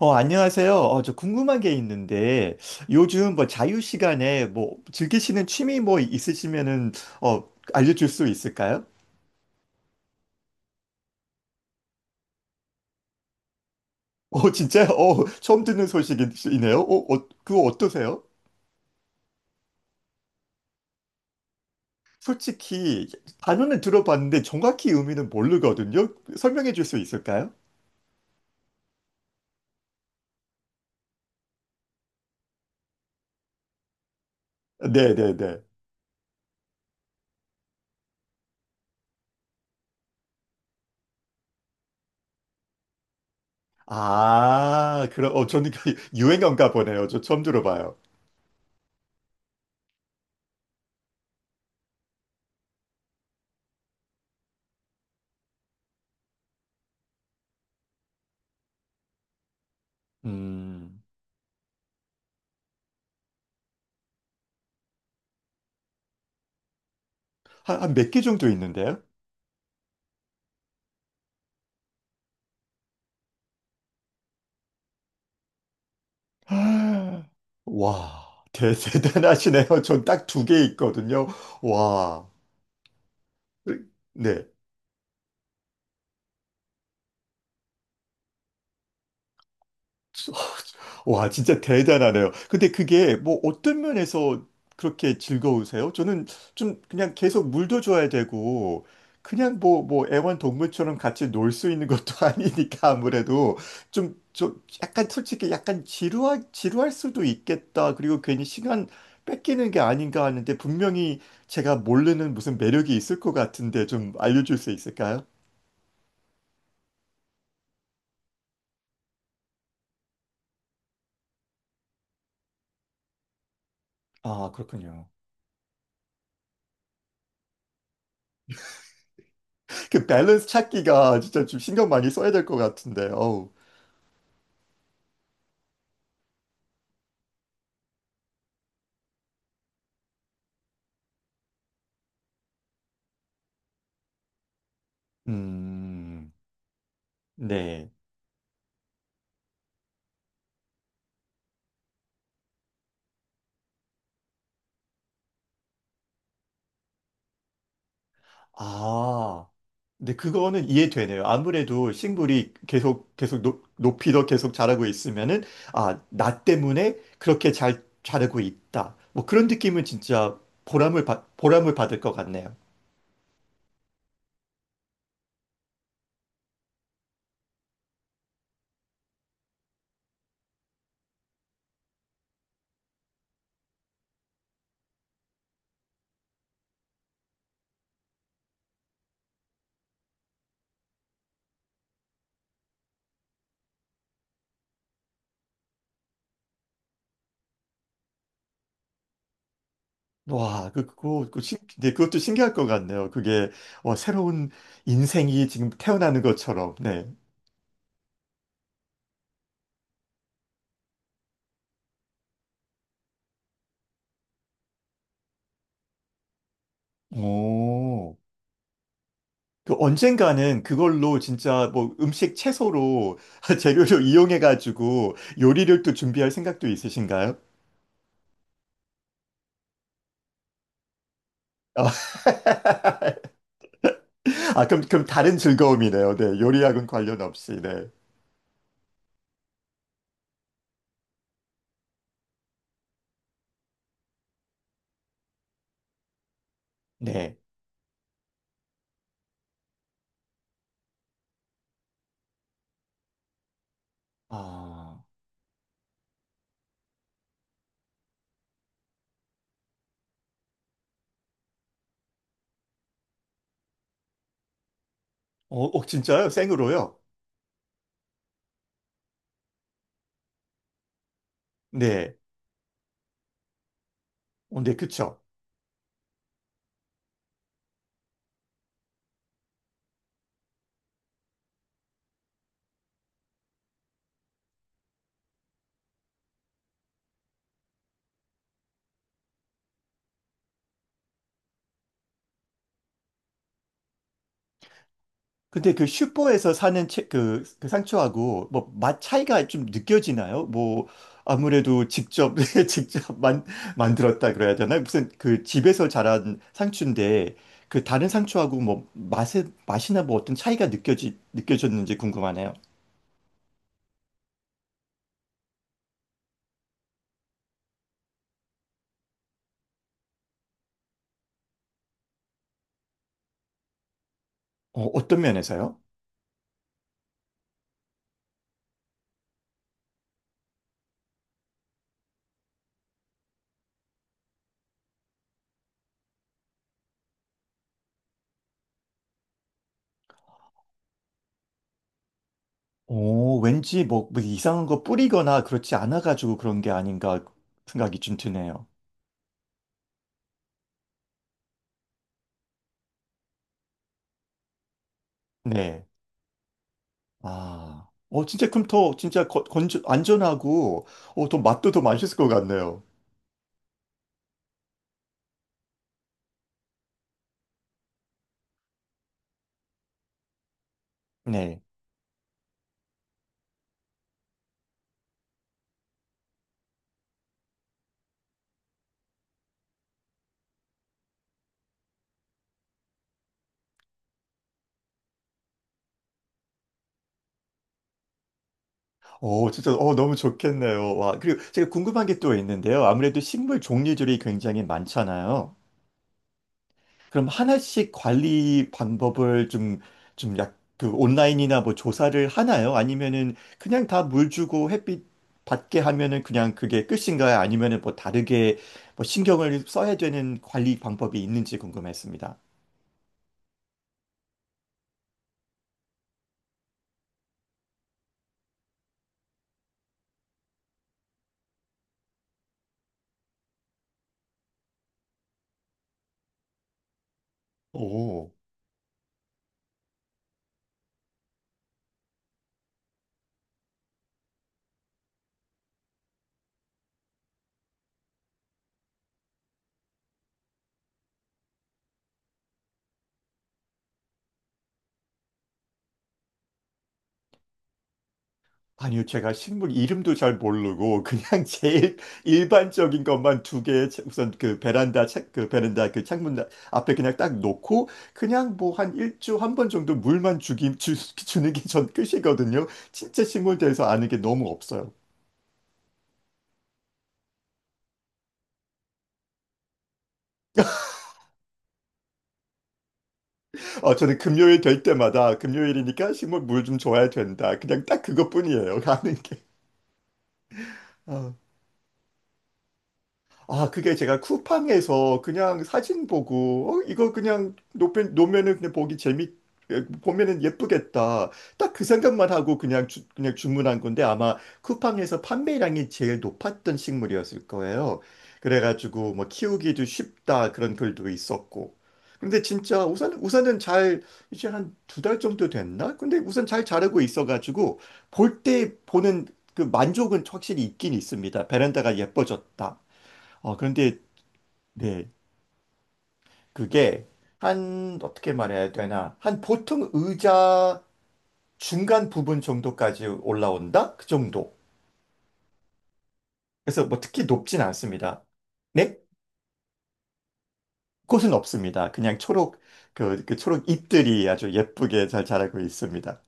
안녕하세요. 저 궁금한 게 있는데, 요즘 뭐 자유 시간에 뭐 즐기시는 취미 뭐 있으시면은, 어, 알려줄 수 있을까요? 진짜요? 처음 듣는 소식이네요. 그거 어떠세요? 솔직히 단어는 들어봤는데 정확히 의미는 모르거든요. 설명해 줄 수 있을까요? 네네네. 아, 그럼, 저는 유행어인가 보네요. 저 처음 들어봐요. 음, 한 몇 개 정도 있는데요? 와, 대단하시네요. 전 딱 두 개 있거든요. 와, 네. 와, 진짜 대단하네요. 근데 그게 뭐 어떤 면에서 그렇게 즐거우세요? 저는 좀 그냥 계속 물도 줘야 되고, 그냥 뭐 애완동물처럼 같이 놀 수 있는 것도 아니니까 아무래도 좀 약간 솔직히 약간 지루할 수도 있겠다. 그리고 괜히 시간 뺏기는 게 아닌가 하는데 분명히 제가 모르는 무슨 매력이 있을 것 같은데 좀 알려줄 수 있을까요? 아, 그렇군요. 그 밸런스 찾기가 진짜 좀 신경 많이 써야 될 것 같은데, 어우. 음, 네. 아, 근데 그거는 이해되네요. 아무래도 식물이 계속 이더 계속 자라고 있으면은, 아, 나 때문에 그렇게 잘 자라고 있다. 뭐 그런 느낌은 진짜 보람을 받을 것 같네요. 와, 네, 그것도 신기할 것 같네요. 그게, 새로운 인생이 지금 태어나는 것처럼, 네. 오. 그 언젠가는 그걸로 진짜 뭐 음식 채소로 재료로 이용해가지고 요리를 또 준비할 생각도 있으신가요? 아, 아, 그럼 다른 즐거움이네요. 네. 요리학은 관련 없이. 네. 네. 아, 진짜요? 생으로요? 네. 네, 그쵸. 근데 그 슈퍼에서 사는 채, 그, 그 상추하고 뭐 맛 차이가 좀 느껴지나요? 뭐 아무래도 직접 직접 만들었다 그래야 되나? 무슨 그 집에서 자란 상추인데 그 다른 상추하고 뭐 맛에 맛이나 뭐 어떤 차이가 느껴지 느껴졌는지 궁금하네요. 어떤 면에서요? 왠지 뭐뭐 이상한 거 뿌리거나 그렇지 않아 가지고 그런 게 아닌가 생각이 좀 드네요. 네. 아, 진짜 그럼 더 진짜 안전하고, 더 맛도 더 맛있을 것 같네요. 네. 진짜, 너무 좋겠네요. 와, 그리고 제가 궁금한 게 또 있는데요. 아무래도 식물 종류들이 굉장히 많잖아요. 그럼 하나씩 관리 방법을 좀, 그 온라인이나 뭐 조사를 하나요? 아니면은 그냥 다 물 주고 햇빛 받게 하면은 그냥 그게 끝인가요? 아니면은 뭐 다르게 뭐 신경을 써야 되는 관리 방법이 있는지 궁금했습니다. 오. 아니요, 제가 식물 이름도 잘 모르고 그냥 제일 일반적인 것만 두 개 우선 그 베란다 그 창문 앞에 그냥 딱 놓고 그냥 뭐 한 번 정도 물만 주는 게 전 끝이거든요. 진짜 식물 대해서 아는 게 너무 없어요. 저는 금요일 될 때마다 금요일이니까 식물 물 좀 줘야 된다. 그냥 딱 그것뿐이에요. 아는 게. 어. 아, 그게 제가 쿠팡에서 그냥 사진 보고, 이거 그냥 놓면면은 그냥 보면은 예쁘겠다. 딱 그 생각만 하고 그냥, 그냥 주문한 건데 아마 쿠팡에서 판매량이 제일 높았던 식물이었을 거예요. 그래가지고 뭐 키우기도 쉽다 그런 글도 있었고. 근데 진짜 우선은 이제 한 두 달 정도 됐나? 근데 우선 잘 자르고 있어가지고 볼 때 보는 그 만족은 확실히 있긴 있습니다. 베란다가 예뻐졌다. 그런데, 네, 그게 어떻게 말해야 되나, 한 보통 의자 중간 부분 정도까지 올라온다? 그 정도. 그래서 뭐 특히 높진 않습니다. 네? 꽃은 없습니다. 그냥 초록, 그 초록 잎들이 아주 예쁘게 잘 자라고 있습니다.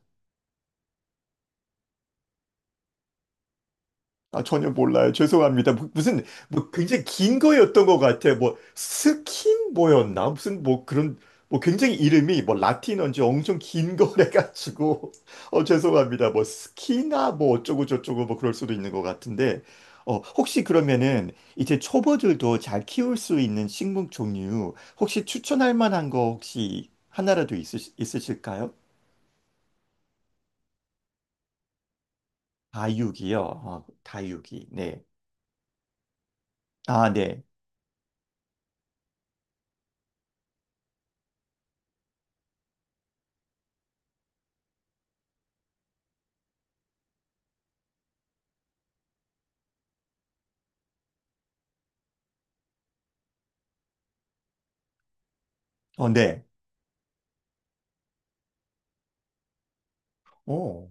아, 전혀 몰라요. 죄송합니다. 무슨, 뭐, 굉장히 긴 거였던 것 같아요. 뭐, 스킨 뭐였나? 무슨, 뭐, 그런, 뭐, 굉장히 이름이, 뭐, 라틴어인지 엄청 긴 거래가지고. 죄송합니다. 뭐, 스키나, 뭐, 어쩌고저쩌고, 뭐, 그럴 수도 있는 것 같은데. 혹시 그러면은, 이제 초보들도 잘 키울 수 있는 식물 종류, 혹시 추천할 만한 거 혹시 하나라도 있으실까요? 다육이요. 다육이. 네. 아, 네. 네. 오.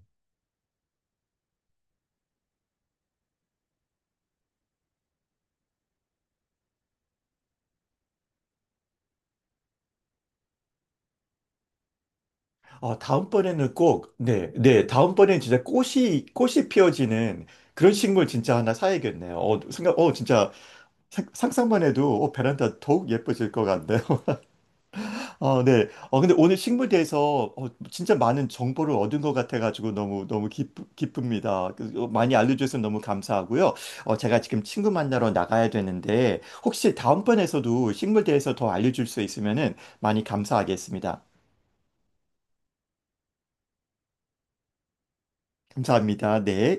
아, 다음번에는 꼭, 네, 네, 다음번엔 진짜 꽃이 피어지는 그런 식물 진짜 하나 사야겠네요. 진짜 상상만 해도 베란다 더욱 예뻐질 것 같네요. 네. 근데 오늘 식물에 대해서 진짜 많은 정보를 얻은 것 같아가지고 너무, 너무 기쁩니다. 많이 알려주셔서 너무 감사하고요. 제가 지금 친구 만나러 나가야 되는데 혹시 다음번에서도 식물에 대해서 더 알려줄 수 있으면은 많이 감사하겠습니다. 감사합니다. 네.